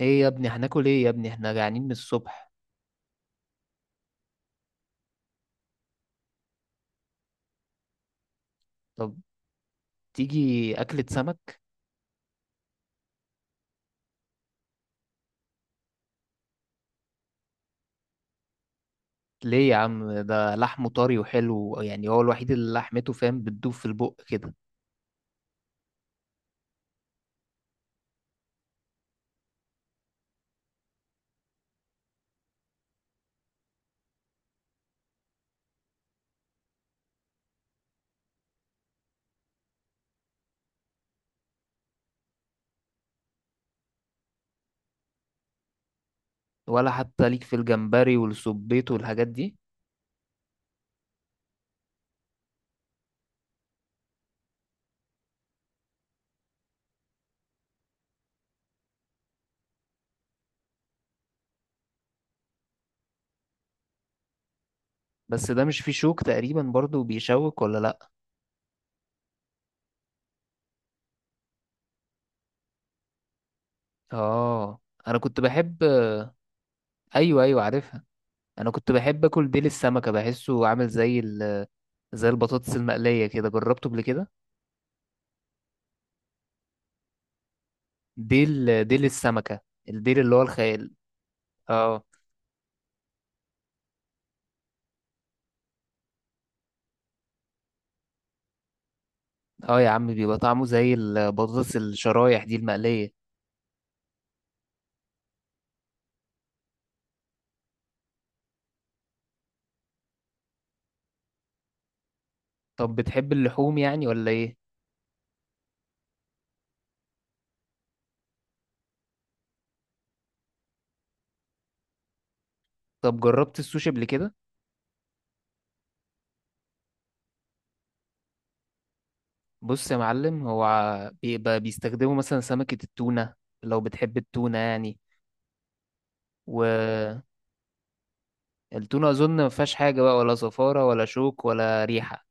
ايه يا ابني هناكل ايه يا ابني، احنا جعانين من الصبح؟ طب، تيجي اكلة سمك؟ ليه يا عم؟ ده لحمه طري وحلو، يعني هو الوحيد اللي لحمته فاهم بتدوب في البق كده. ولا حتى ليك في الجمبري والسبيط والحاجات دي؟ بس ده مش فيه شوك تقريبا برضو بيشوك ولا لا؟ اه، انا كنت بحب. ايوه ايوه، عارفها. انا كنت بحب اكل ديل السمكة، بحسه عامل زي البطاطس المقلية كده، جربته قبل كده. ديل السمكة، الديل اللي هو الخيال. اه. اه يا عم، بيبقى طعمه زي البطاطس الشرايح دي المقلية. طب، بتحب اللحوم يعني ولا ايه؟ طب، جربت السوشي قبل كده؟ بص يا معلم، هو بيبقى بيستخدموا مثلا سمكة التونة، لو بتحب التونة يعني، والتونة أظن ما فيهاش حاجة بقى، ولا زفارة ولا شوك ولا ريحة.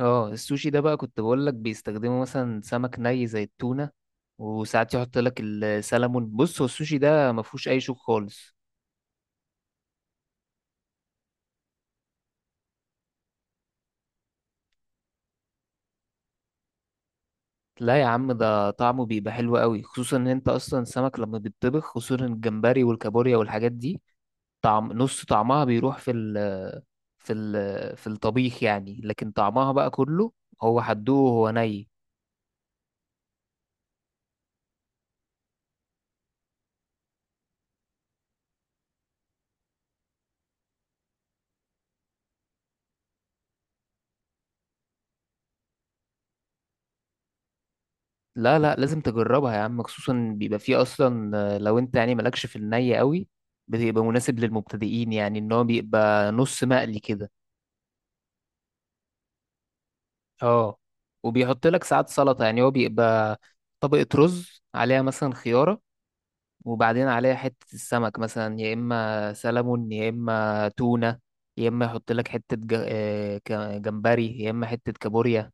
اه، السوشي ده بقى كنت بقول لك بيستخدموا مثلا سمك ني زي التونة، وساعات يحط لك السلمون. بص، هو السوشي ده ما فيهوش أي شوك خالص. لا يا عم، ده طعمه بيبقى حلو قوي، خصوصا ان انت اصلا السمك لما بيتطبخ، خصوصا الجمبري والكابوريا والحاجات دي، طعم نص طعمها بيروح في ال في ال في الطبيخ يعني، لكن طعمها بقى كله هو حدوه وهو ني. لا لا، لازم تجربها يا عم، خصوصا بيبقى فيه اصلا، لو انت يعني مالكش في الني قوي، بيبقى مناسب للمبتدئين، يعني ان هو بيبقى نص مقلي كده. اه، وبيحط لك ساعات سلطة، يعني هو بيبقى طبقة رز عليها مثلا خيارة، وبعدين عليها حتة السمك، مثلا يا إما سلمون يا إما تونة، يا إما يحط لك حتة جمبري، يا إما حتة كابوريا.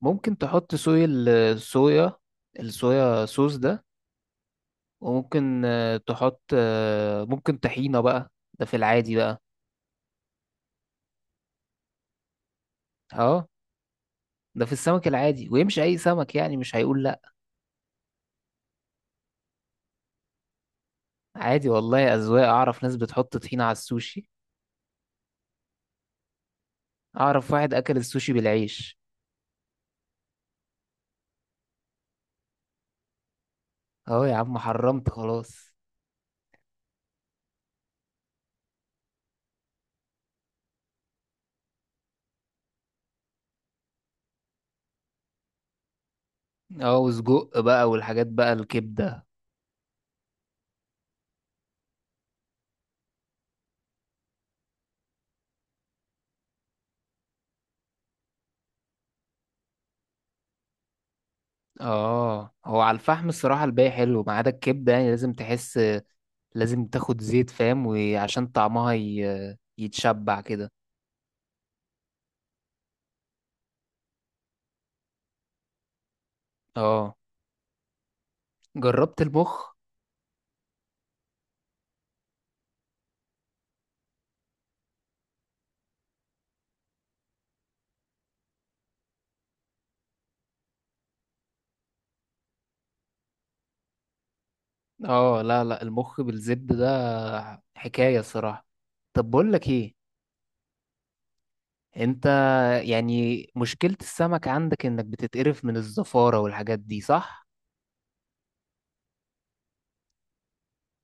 ممكن تحط صويا، الصويا الصويا صوص ده. وممكن تحط، ممكن طحينة بقى، ده في العادي بقى. اه، ده في السمك العادي ويمشي أي سمك، يعني مش هيقول لأ. عادي والله، أذواق، أعرف ناس بتحط طحينة على السوشي. أعرف واحد أكل السوشي بالعيش. أهو يا عم، حرمت خلاص. اه، وسجق بقى والحاجات بقى الكبدة. اه، هو على الفحم الصراحة الباقي حلو، ما عدا الكبدة، يعني لازم تحس، لازم تاخد زيت فاهم، وعشان طعمها يتشبع كده. اه، جربت المخ. اه، لا لا، المخ بالزبدة ده حكاية صراحة. طب بقول لك ايه، انت يعني مشكلة السمك عندك انك بتتقرف من الزفارة والحاجات دي، صح؟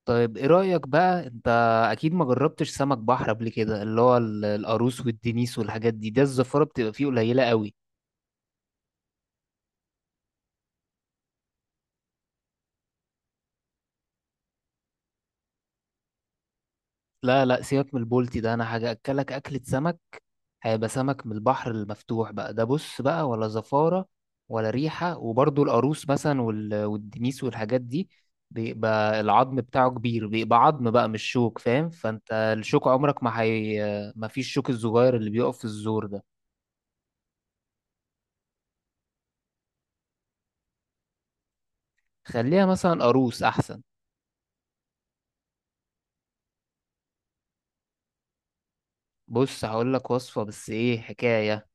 طيب، ايه رأيك بقى انت؟ اكيد ما جربتش سمك بحر قبل كده، اللي هو القاروص والدنيس والحاجات دي، ده الزفارة بتبقى فيه قليلة قوي. لا لا، سيبك من البولتي ده، انا هاجي اكلك اكلة سمك، هيبقى سمك من البحر المفتوح بقى، ده بص بقى ولا زفارة ولا ريحة، وبرضه القاروص مثلا والدنيس والحاجات دي، بيبقى العظم بتاعه كبير، بيبقى عظم بقى مش شوك، فاهم؟ فانت الشوك عمرك ما هي، ما فيش الشوك الصغير اللي بيقف في الزور ده. خليها مثلا قاروص احسن. بص هقول لك وصفة بس ايه حكاية.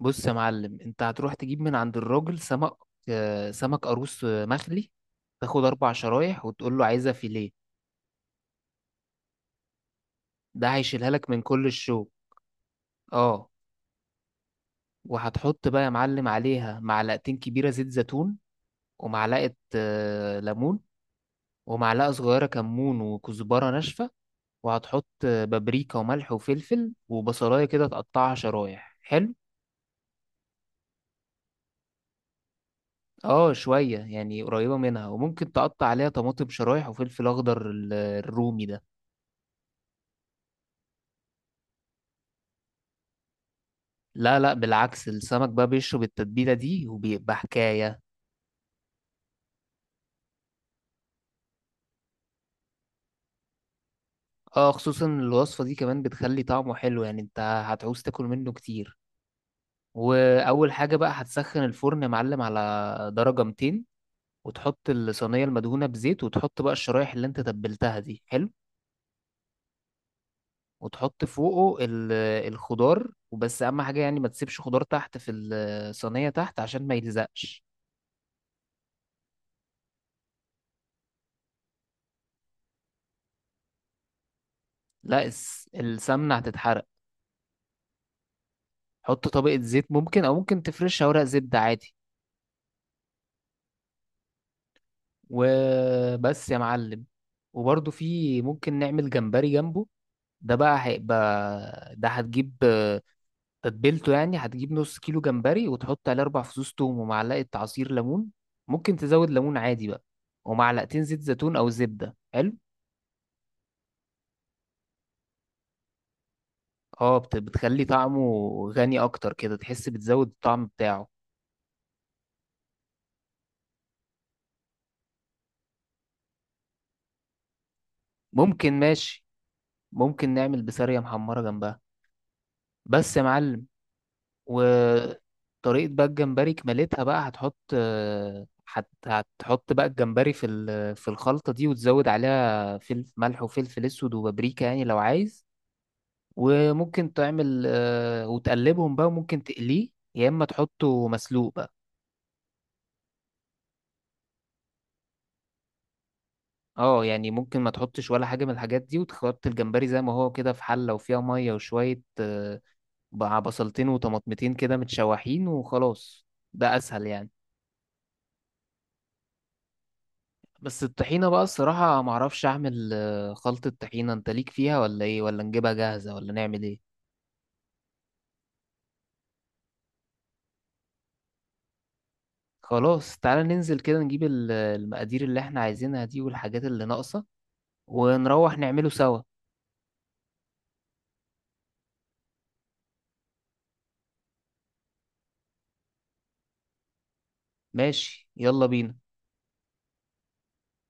بص يا معلم، انت هتروح تجيب من عند الراجل سمك، سمك قاروص، مخلي، تاخد اربع شرايح وتقول له عايزها فيليه، ده هيشيلها لك من كل الشوك. اه، وهتحط بقى يا معلم عليها معلقتين كبيرة زيت زيتون، ومعلقة ليمون، ومعلقة صغيرة كمون وكزبرة ناشفة، وهتحط بابريكا وملح وفلفل وبصلاية كده تقطعها شرايح، حلو. اه، شوية يعني قريبة منها، وممكن تقطع عليها طماطم شرايح وفلفل أخضر، الرومي ده. لا لا، بالعكس السمك بقى بيشرب التتبيلة دي وبيبقى حكاية. اه، خصوصا الوصفة دي كمان بتخلي طعمه حلو، يعني انت هتعوز تاكل منه كتير. وأول حاجة بقى هتسخن الفرن يا معلم على درجة 200، وتحط الصينية المدهونة بزيت، وتحط بقى الشرايح اللي انت تبلتها دي، حلو، وتحط فوقه الخضار. وبس، أهم حاجة يعني ما تسيبش خضار تحت في الصينية تحت، عشان ما يلزقش. لا، السمنة هتتحرق، حط طبقة زيت ممكن، أو ممكن تفرشها ورق زبدة عادي، وبس يا معلم. وبرضه في ممكن نعمل جمبري جنبه، ده بقى هيبقى، ده هتجيب تتبيلته، يعني هتجيب نص كيلو جمبري وتحط عليه أربع فصوص توم ومعلقة عصير ليمون، ممكن تزود ليمون عادي بقى، ومعلقتين زيت زيتون أو زبدة، حلو. اه، بتخلي طعمه غني أكتر كده، تحس بتزود الطعم بتاعه. ممكن، ماشي، ممكن نعمل بسارية محمرة جنبها، بس يا معلم. وطريقة بقى الجمبري كمالتها بقى، هتحط هتحط بقى الجمبري في في الخلطة دي، وتزود عليها فلفل ملح وفلفل اسود وبابريكا يعني لو عايز، وممكن تعمل، وتقلبهم بقى، وممكن تقليه، يا اما تحطه مسلوق بقى. اه، يعني ممكن ما تحطش ولا حاجة من الحاجات دي، وتحط الجمبري زي ما هو كده في حلة وفيها مية وشوية، بقى بصلتين وطماطمتين كده متشوحين، وخلاص، ده اسهل يعني. بس الطحينة بقى الصراحة معرفش أعمل، خلطة طحينة، أنت ليك فيها ولا إيه؟ ولا نجيبها جاهزة ولا نعمل إيه؟ خلاص، تعالى ننزل كده نجيب المقادير اللي إحنا عايزينها دي والحاجات اللي ناقصة، ونروح نعمله سوا. ماشي، يلا بينا.